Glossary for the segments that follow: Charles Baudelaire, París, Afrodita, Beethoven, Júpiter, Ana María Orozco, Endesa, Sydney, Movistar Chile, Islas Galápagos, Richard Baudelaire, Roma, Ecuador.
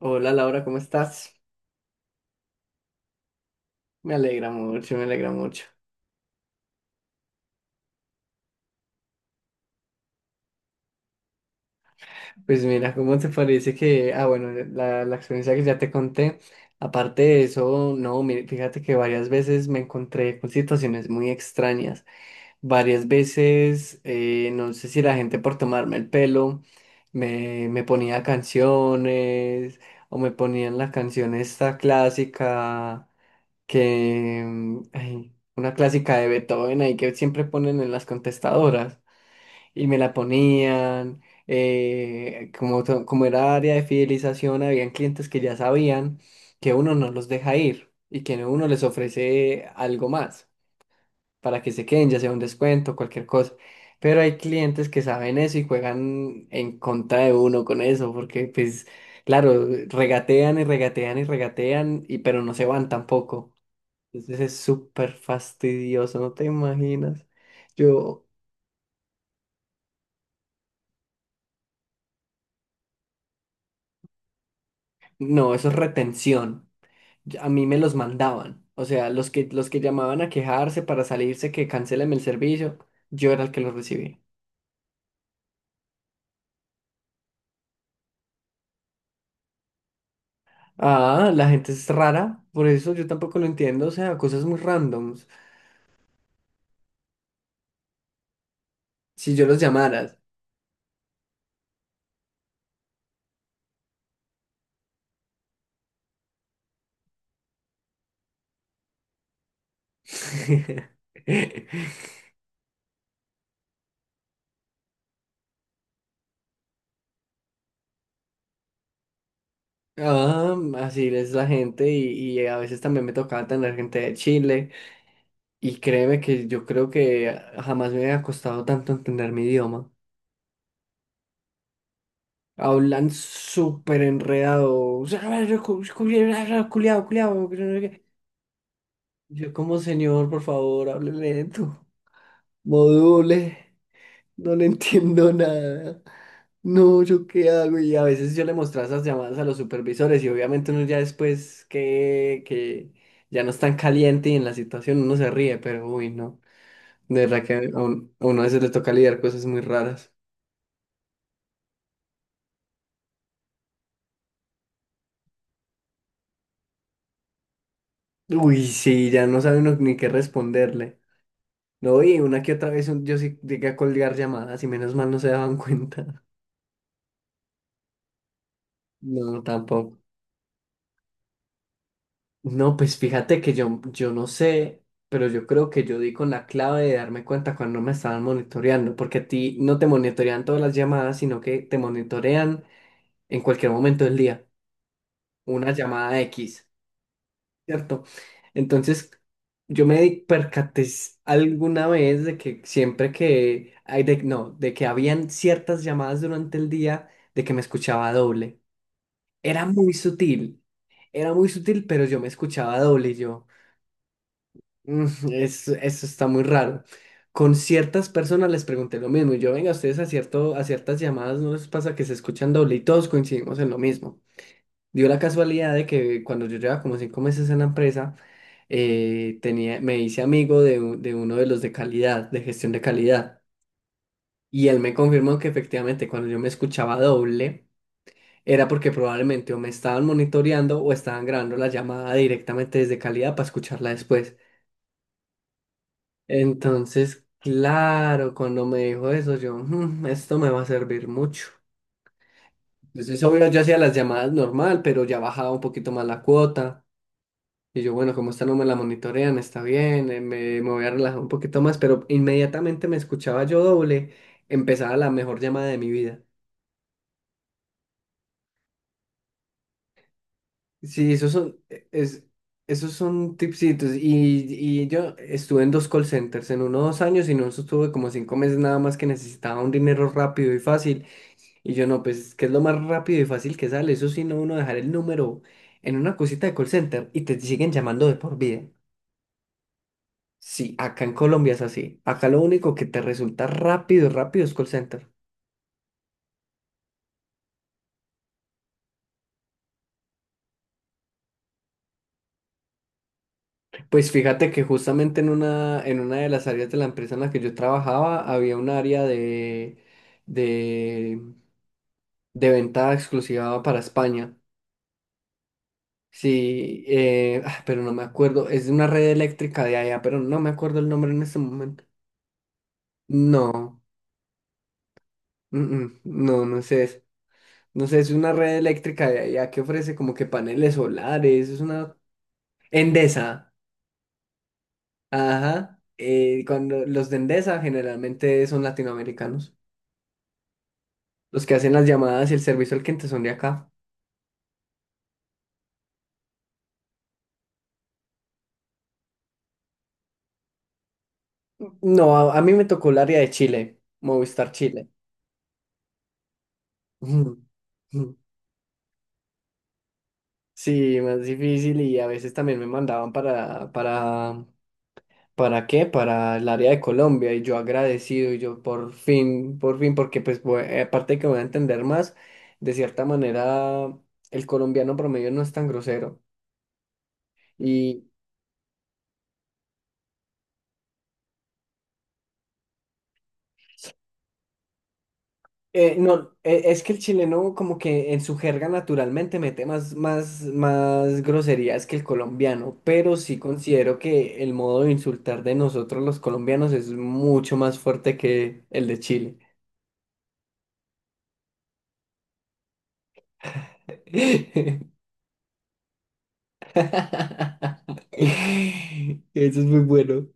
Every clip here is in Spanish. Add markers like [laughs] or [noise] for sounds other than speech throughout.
Hola, Laura, ¿cómo estás? Me alegra mucho, me alegra mucho. Pues mira, ¿cómo te parece que, bueno, la experiencia que ya te conté, aparte de eso, no, mire, fíjate que varias veces me encontré con situaciones muy extrañas. Varias veces, no sé si la gente por tomarme el pelo me ponía canciones o me ponían la canción esta clásica ay, una clásica de Beethoven ahí que siempre ponen en las contestadoras. Y me la ponían. Como como era área de fidelización, habían clientes que ya sabían que uno no los deja ir y que uno les ofrece algo más para que se queden, ya sea un descuento, cualquier cosa. Pero hay clientes que saben eso y juegan en contra de uno con eso, porque pues, claro, regatean y regatean y regatean, pero no se van tampoco. Entonces es súper fastidioso, no te imaginas. Yo, no, eso es retención. A mí me los mandaban. O sea, los que llamaban a quejarse para salirse que cancéleme el servicio, yo era el que los recibía. Ah, la gente es rara, por eso yo tampoco lo entiendo. O sea, cosas muy randoms. Si yo los llamaras. [laughs] Ah, así es la gente y a veces también me tocaba tener gente de Chile. Y créeme que yo creo que jamás me había costado tanto entender mi idioma. Hablan súper enredado. Culeado, culeado, culeado, que no sé qué. Yo como, señor, por favor, hable lento. Module. No le [laughs] entiendo nada. No, ¿yo qué hago? Y a veces yo le mostraba esas llamadas a los supervisores y obviamente uno ya después que ya no es tan caliente y en la situación uno se ríe, pero uy, no. De verdad que a uno a veces le toca lidiar cosas muy raras. Uy, sí, ya no sabe uno ni qué responderle. No, y una que otra vez yo sí llegué a colgar llamadas y menos mal no se daban cuenta. No, tampoco. No, pues fíjate que yo no sé, pero yo creo que yo di con la clave de darme cuenta cuando me estaban monitoreando, porque a ti no te monitorean todas las llamadas, sino que te monitorean en cualquier momento del día. Una llamada X. ¿Cierto? Entonces, percaté alguna vez de que siempre no, de que habían ciertas llamadas durante el día de que me escuchaba doble. Era muy sutil, era muy sutil, pero yo me escuchaba doble y yo, eso, está muy raro". Con ciertas personas les pregunté lo mismo y yo, venga, cierto, a ciertas llamadas no les pasa que se escuchan doble, y todos coincidimos en lo mismo. Dio la casualidad de que cuando yo llevaba como cinco meses en la empresa, me hice amigo de, de uno de los de calidad, de gestión de calidad. Y él me confirmó que efectivamente cuando yo me escuchaba doble, era porque probablemente o me estaban monitoreando o estaban grabando la llamada directamente desde calidad para escucharla después. Entonces, claro, cuando me dijo eso, yo, "Mm, esto me va a servir mucho". Entonces, obvio, yo hacía las llamadas normal, pero ya bajaba un poquito más la cuota. Y yo, bueno, como esta no me la monitorean, está bien, me voy a relajar un poquito más, pero inmediatamente me escuchaba yo doble, empezaba la mejor llamada de mi vida. Sí, esos son tipsitos. Y yo estuve en dos call centers, en uno dos años, y no estuve como cinco meses nada más que necesitaba un dinero rápido y fácil. Y yo no, pues, ¿qué es lo más rápido y fácil que sale? Eso sí, no uno dejar el número en una cosita de call center y te siguen llamando de por vida. Sí, acá en Colombia es así. Acá lo único que te resulta rápido, rápido es call center. Pues fíjate que justamente en una de las áreas de la empresa en la que yo trabajaba había un área de, de venta exclusiva para España. Sí, pero no me acuerdo. Es de una red eléctrica de allá, pero no me acuerdo el nombre en este momento. No, no, no sé eso. No sé, es una red eléctrica de allá que ofrece como que paneles solares. Es una Endesa. Ajá. Cuando los de Endesa generalmente son latinoamericanos. Los que hacen las llamadas y el servicio al cliente son de acá. No, a mí me tocó el área de Chile, Movistar Chile. [laughs] Ujú, ujú. Sí, más difícil y a veces también me mandaban ¿para qué? Para el área de Colombia y yo agradecido y yo por fin, porque pues aparte de que voy a entender más, de cierta manera el colombiano promedio no es tan grosero. No, es que el chileno como que en su jerga naturalmente mete más groserías que el colombiano, pero sí considero que el modo de insultar de nosotros los colombianos es mucho más fuerte que el de Chile. [laughs] Eso es muy bueno.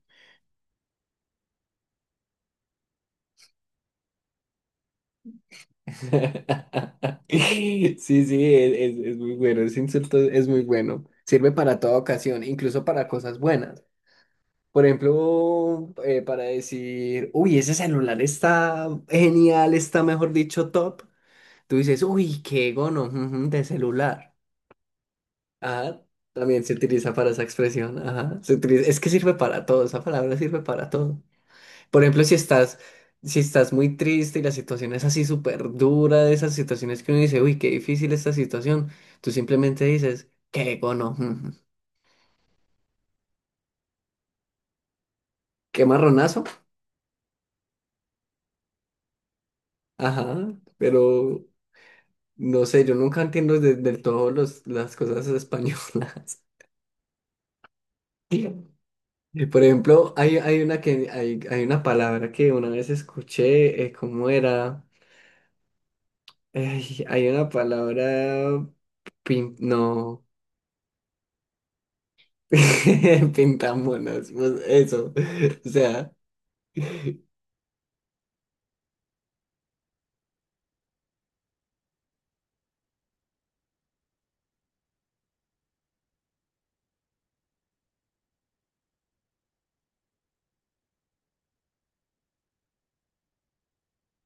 [laughs] Sí, sí, es, es muy bueno, ese insulto es muy bueno. Sirve para toda ocasión, incluso para cosas buenas. Por ejemplo, para decir, uy, ese celular está genial, está mejor dicho top. Tú dices, uy, qué gono ujú, de celular. Ajá, también se utiliza para esa expresión. Es que sirve para todo, esa palabra sirve para todo. Por ejemplo, si estás muy triste y la situación es así súper dura, de esas situaciones que uno dice, uy, qué difícil esta situación, tú simplemente dices, qué gono, ujú, qué marronazo. Ajá, pero no sé, yo nunca entiendo del todo las cosas españolas. [laughs] Y, por ejemplo, hay una que hay una palabra que una vez escuché, ¿cómo era? Ay, hay una palabra no. [laughs] Pintamonas, pues, eso. O sea,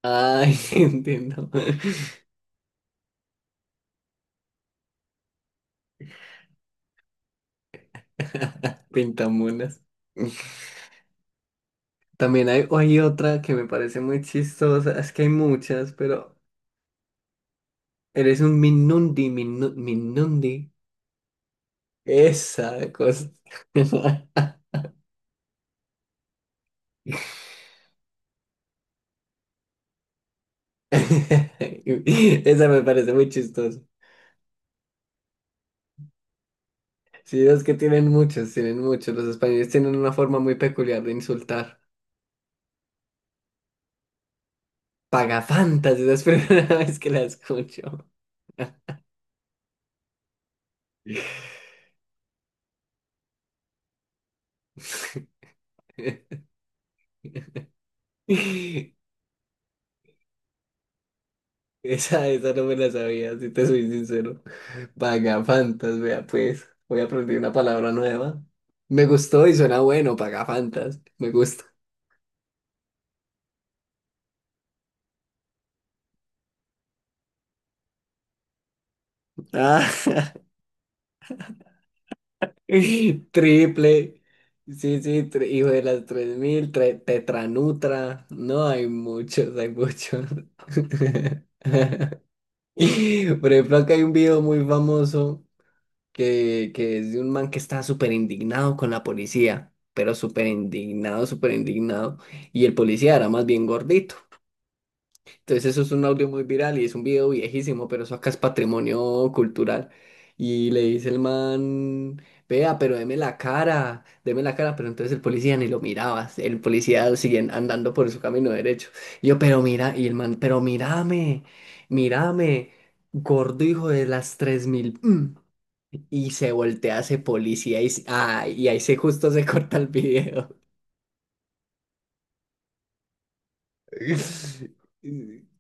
ay, [laughs] entiendo. [laughs] Pintamonas. También hay otra que me parece muy chistosa, es que hay muchas, pero eres un Minundi, Minundi. Esa cosa. [laughs] Esa me parece muy chistosa. Sí, es que tienen muchos, tienen muchos. Los españoles tienen una forma muy peculiar de insultar. Pagafantas, esa es la primera [laughs] vez que la escucho. [laughs] Esa no me la sabía, si te soy sincero. Pagafantas, vea pues. Voy a aprender una palabra nueva. Me gustó y suena bueno, pagafantas. Me gusta. Ah, [laughs] triple. Sí, sí, hijo de las 3000, tetranutra. No, hay muchos, hay muchos. [laughs] [laughs] Por ejemplo, acá hay un video muy famoso que es de un man que está súper indignado con la policía, pero súper indignado, súper indignado. Y el policía era más bien gordito. Entonces eso es un audio muy viral y es un video viejísimo, pero eso acá es patrimonio cultural. Y le dice el man, vea, pero deme la cara, pero entonces el policía ni lo miraba, el policía sigue andando por su camino derecho. Y yo, pero mira, y el man, pero mírame, mírame, gordo hijo de las tres mil. Mm". Y se voltea ese policía y ahí se justo se [laughs] corta el video. [laughs]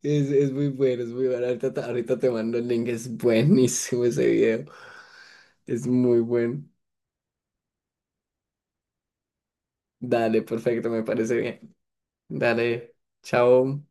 Es muy bueno, es muy bueno. Ahorita te mando el link, es buenísimo ese video. Es muy bueno. Dale, perfecto, me parece bien. Dale, chao.